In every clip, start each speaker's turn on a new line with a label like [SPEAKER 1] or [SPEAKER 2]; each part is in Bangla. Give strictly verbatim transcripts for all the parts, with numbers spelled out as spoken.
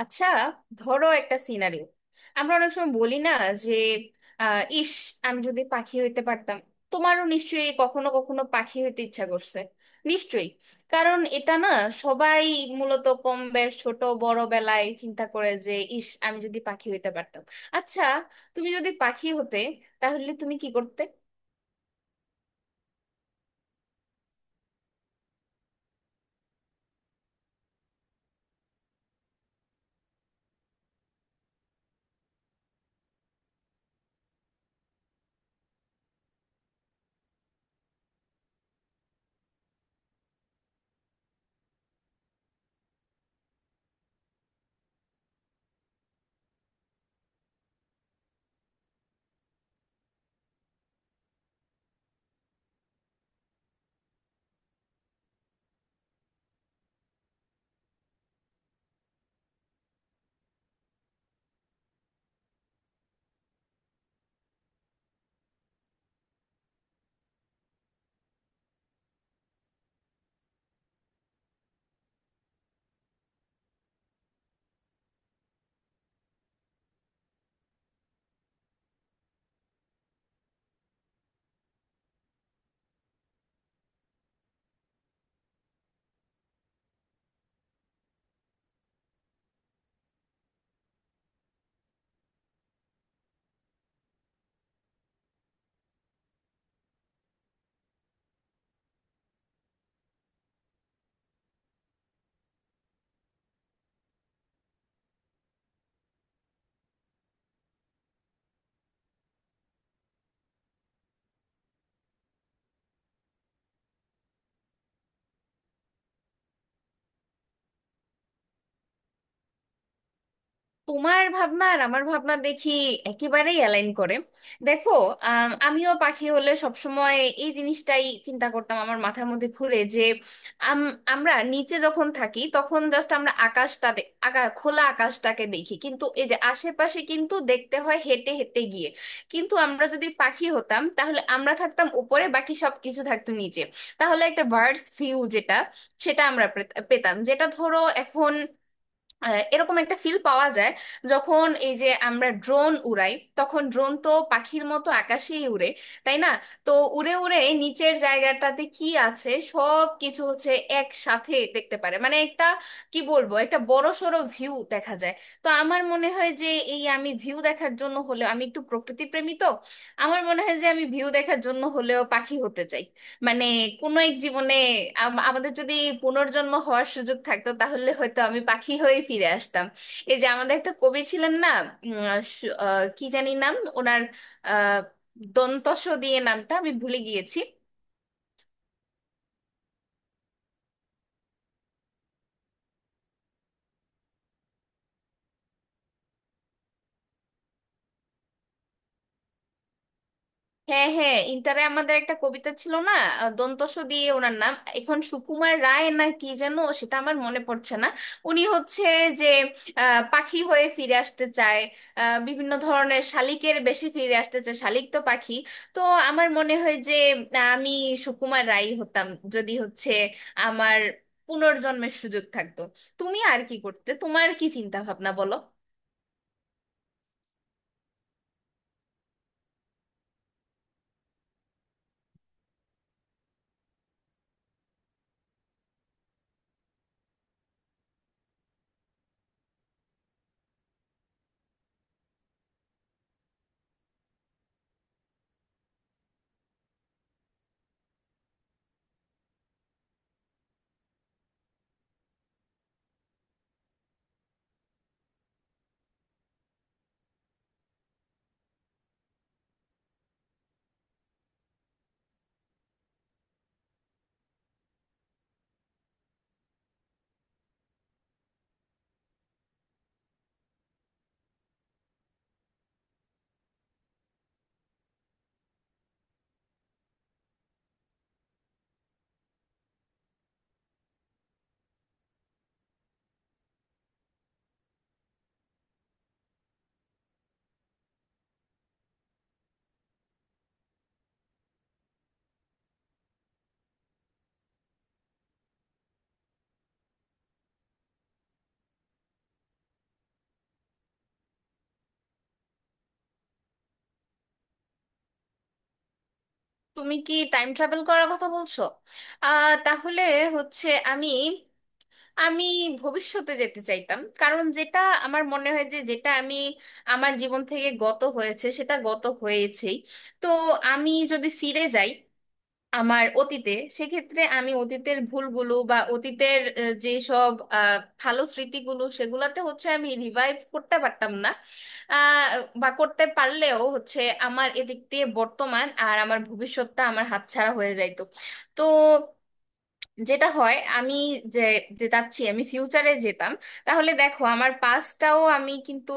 [SPEAKER 1] আচ্ছা, ধরো একটা সিনারিও। আমরা অনেক সময় বলি না যে আহ, ইস আমি যদি পাখি হইতে পারতাম। তোমারও নিশ্চয়ই কখনো কখনো পাখি হইতে ইচ্ছা করছে, নিশ্চয়ই। কারণ এটা না, সবাই মূলত কম বেশ ছোট বড় বেলায় চিন্তা করে যে ইস আমি যদি পাখি হইতে পারতাম। আচ্ছা, তুমি যদি পাখি হতে তাহলে তুমি কি করতে? তোমার ভাবনা আর আমার ভাবনা দেখি একেবারেই অ্যালাইন করে। দেখো, আম, আমিও পাখি হলে সবসময় এই জিনিসটাই চিন্তা করতাম, আমার মাথার মধ্যে ঘুরে যে আম, আমরা নিচে যখন থাকি তখন জাস্ট আমরা আকাশটা দে- আকা খোলা আকাশটাকে দেখি, কিন্তু এই যে আশেপাশে কিন্তু দেখতে হয় হেঁটে হেঁটে গিয়ে। কিন্তু আমরা যদি পাখি হতাম তাহলে আমরা থাকতাম উপরে, বাকি সব কিছু থাকতো নিচে। তাহলে একটা বার্ডস ভিউ যেটা, সেটা আমরা পেত- পেতাম। যেটা ধরো এখন আহ, এরকম একটা ফিল পাওয়া যায় যখন এই যে আমরা ড্রোন উড়াই, তখন ড্রোন তো পাখির মতো আকাশেই উড়ে, তাই না? তো উড়ে উড়ে নিচের জায়গাটাতে কি আছে সব কিছু হচ্ছে একসাথে দেখতে পারে, মানে একটা কি বলবো একটা বড়সড় ভিউ দেখা যায়। তো আমার মনে হয় যে এই আমি ভিউ দেখার জন্য হলেও, আমি একটু প্রকৃতি প্রেমী তো, আমার মনে হয় যে আমি ভিউ দেখার জন্য হলেও পাখি হতে চাই। মানে কোনো এক জীবনে আম- আমাদের যদি পুনর্জন্ম হওয়ার সুযোগ থাকতো তাহলে হয়তো আমি পাখি হয়ে ফিরে আসতাম। এই যে আমাদের একটা কবি ছিলেন না, উম, আহ, সু- আহ, কি জানি নাম ওনার, আহ দন্তস দিয়ে নামটা আমি ভুলে গিয়েছি। হ্যাঁ হ্যাঁ, ইন্টারে আমাদের একটা কবিতা ছিল না, আহ, দন্তস দিয়ে ওনার নাম, এখন সুকুমার রায় না কি যেন সেটা আমার মনে পড়ছে না। উনি হচ্ছে যে আহ, পাখি হয়ে ফিরে আসতে চায়, আহ, বিভিন্ন ধরনের শালিকের বেশি ফিরে আসতে চায়, শালিক তো পাখি। তো আমার মনে হয় যে আহ, আমি সুকুমার রায় হতাম যদি হচ্ছে আমার পুনর্জন্মের সুযোগ থাকতো। তুমি আর কি করতে? তোমার কি চিন্তা ভাবনা বলো। তুমি কি টাইম ট্রাভেল করার কথা বলছো? আহ তাহলে হচ্ছে আমি আমি ভবিষ্যতে যেতে চাইতাম, কারণ যেটা আমার মনে হয় যে যেটা আমি আমার জীবন থেকে গত হয়েছে সেটা গত হয়েছেই। তো আমি যদি ফিরে যাই আমার অতীতে, সেক্ষেত্রে আমি অতীতের ভুলগুলো বা অতীতের আহ, যেসব আহ, ভালো স্মৃতিগুলো সেগুলাতে হচ্ছে আমি রিভাইভ করতে পারতাম না। আহ, বা করতে পারলেও হচ্ছে আমার এদিক দিয়ে বর্তমান আর আমার ভবিষ্যৎটা আমার হাতছাড়া হয়ে যাইতো। তো যেটা হয় আমি, যে যে যাচ্ছি, আমি ফিউচারে যেতাম, তাহলে দেখো আমার পাস্টটাও আমি কিন্তু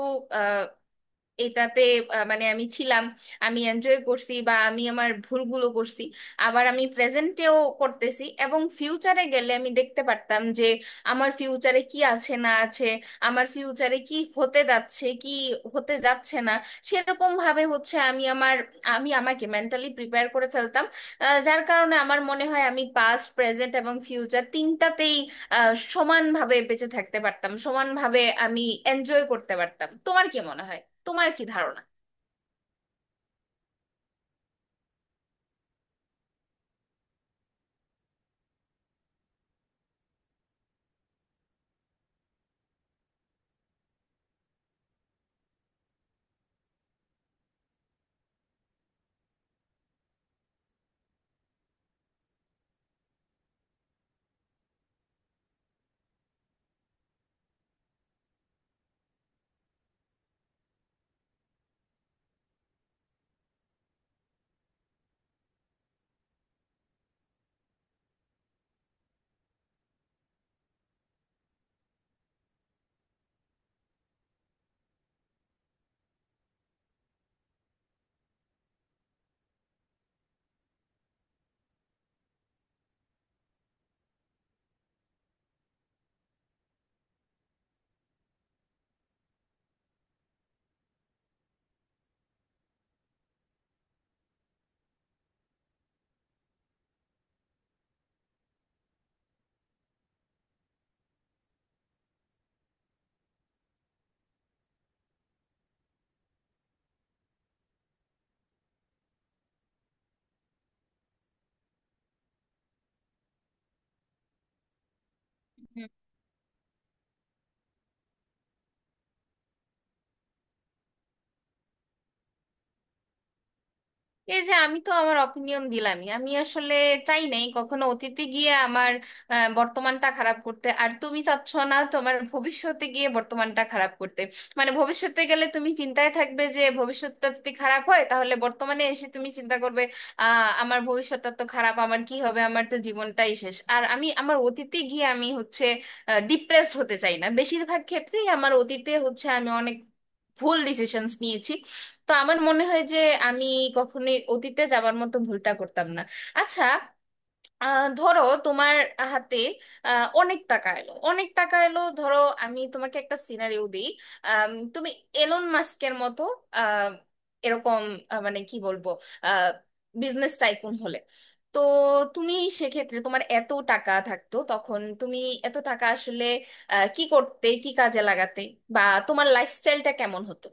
[SPEAKER 1] এটাতে আহ, মানে আমি ছিলাম, আমি এনজয় করছি বা আমি আমার ভুলগুলো করছি, আবার আমি প্রেজেন্টেও করতেছি, এবং ফিউচারে গেলে আমি দেখতে পারতাম যে আমার ফিউচারে কি আছে না আছে, আমার ফিউচারে কি হতে যাচ্ছে কি হতে যাচ্ছে না। সেরকম ভাবে হচ্ছে আমি আমার, আমি আমাকে মেন্টালি প্রিপেয়ার করে ফেলতাম। আহ, যার কারণে আমার মনে হয় আমি পাস্ট, প্রেজেন্ট এবং ফিউচার তিনটাতেই আহ, সমানভাবে বেঁচে থাকতে পারতাম, সমানভাবে আমি এনজয় করতে পারতাম। তোমার কি মনে হয়? তোমার কি ধারণা? হুম। এই যে আমি তো আমার অপিনিয়ন দিলামই, আমি আসলে চাই নাই কখনো অতীতে গিয়ে আমার আহ, বর্তমানটা খারাপ করতে, আর তুমি চাচ্ছ না তোমার ভবিষ্যতে গিয়ে বর্তমানটা খারাপ করতে। মানে ভবিষ্যতে গেলে তুমি চিন্তায় থাকবে যে ভবিষ্যৎটা যদি খারাপ হয় তাহলে বর্তমানে এসে তুমি চিন্তা করবে আহ আমার ভবিষ্যৎটা তো খারাপ, আমার কি হবে, আমার তো জীবনটাই শেষ। আর আমি আমার অতীতে গিয়ে আমি হচ্ছে ডিপ্রেসড হতে চাই না, বেশিরভাগ ক্ষেত্রেই আমার অতীতে হচ্ছে আমি অনেক ভুল ডিসিশনস নিয়েছি। তো আমার মনে হয় যে আমি কখনোই অতীতে যাবার মতো ভুলটা করতাম না। আচ্ছা, আহ, ধরো তোমার হাতে আহ, অনেক টাকা এলো, অনেক টাকা এলো, ধরো আমি তোমাকে একটা সিনারিও দিই। আম, তুমি এলন মাস্কের মতো আহ, এরকম আহ, মানে কি বলবো বিজনেস টাইকুন হলে, তো তুমি সেক্ষেত্রে তোমার এত টাকা থাকতো, তখন তুমি এত টাকা আসলে আহ, কি করতে, কি কাজে লাগাতে, বা তোমার লাইফস্টাইলটা কেমন হতো?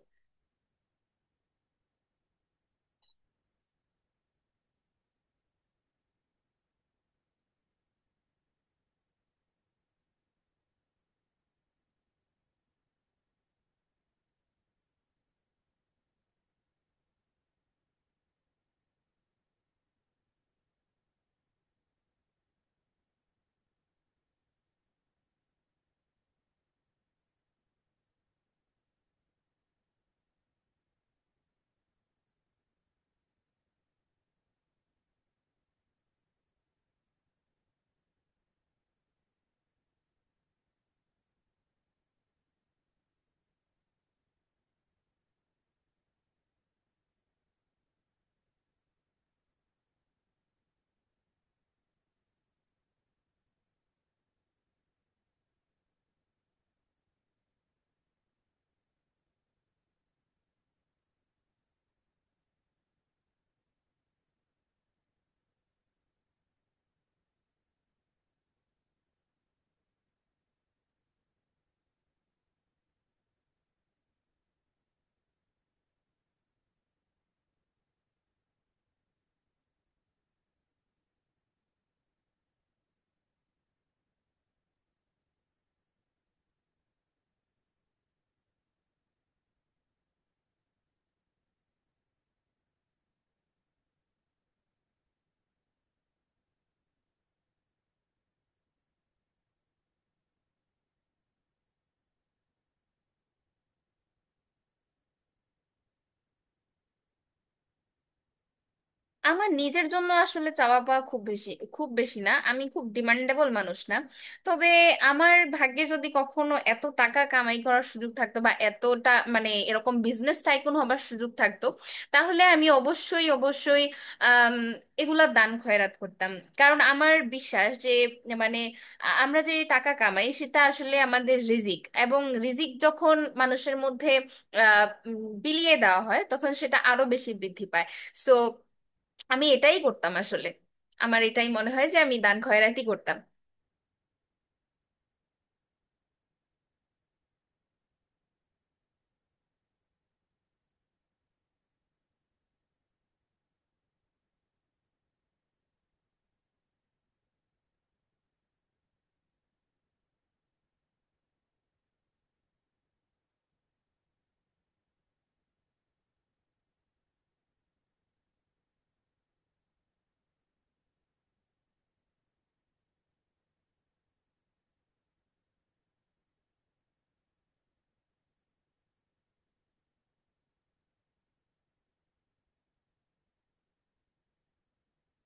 [SPEAKER 1] আমার নিজের জন্য আসলে চাওয়া পাওয়া খুব বেশি, খুব বেশি না, আমি খুব ডিমান্ডেবল মানুষ না। তবে আমার ভাগ্যে যদি কখনো এত টাকা কামাই করার সুযোগ থাকতো বা এতটা মানে এরকম বিজনেস টাইকুন হবার সুযোগ থাকতো, তাহলে আমি অবশ্যই অবশ্যই আম, এগুলা দান খয়রাত করতাম। কারণ আমার বিশ্বাস যে মানে আ- আমরা যে টাকা কামাই সেটা আসলে আমাদের রিজিক, এবং রিজিক যখন মানুষের মধ্যে আহ, উম, বিলিয়ে দেওয়া হয় তখন সেটা আরো বেশি বৃদ্ধি পায়। সো আমি এটাই করতাম আসলে, আমার এটাই মনে হয় যে আমি দান খয়রাতি করতাম।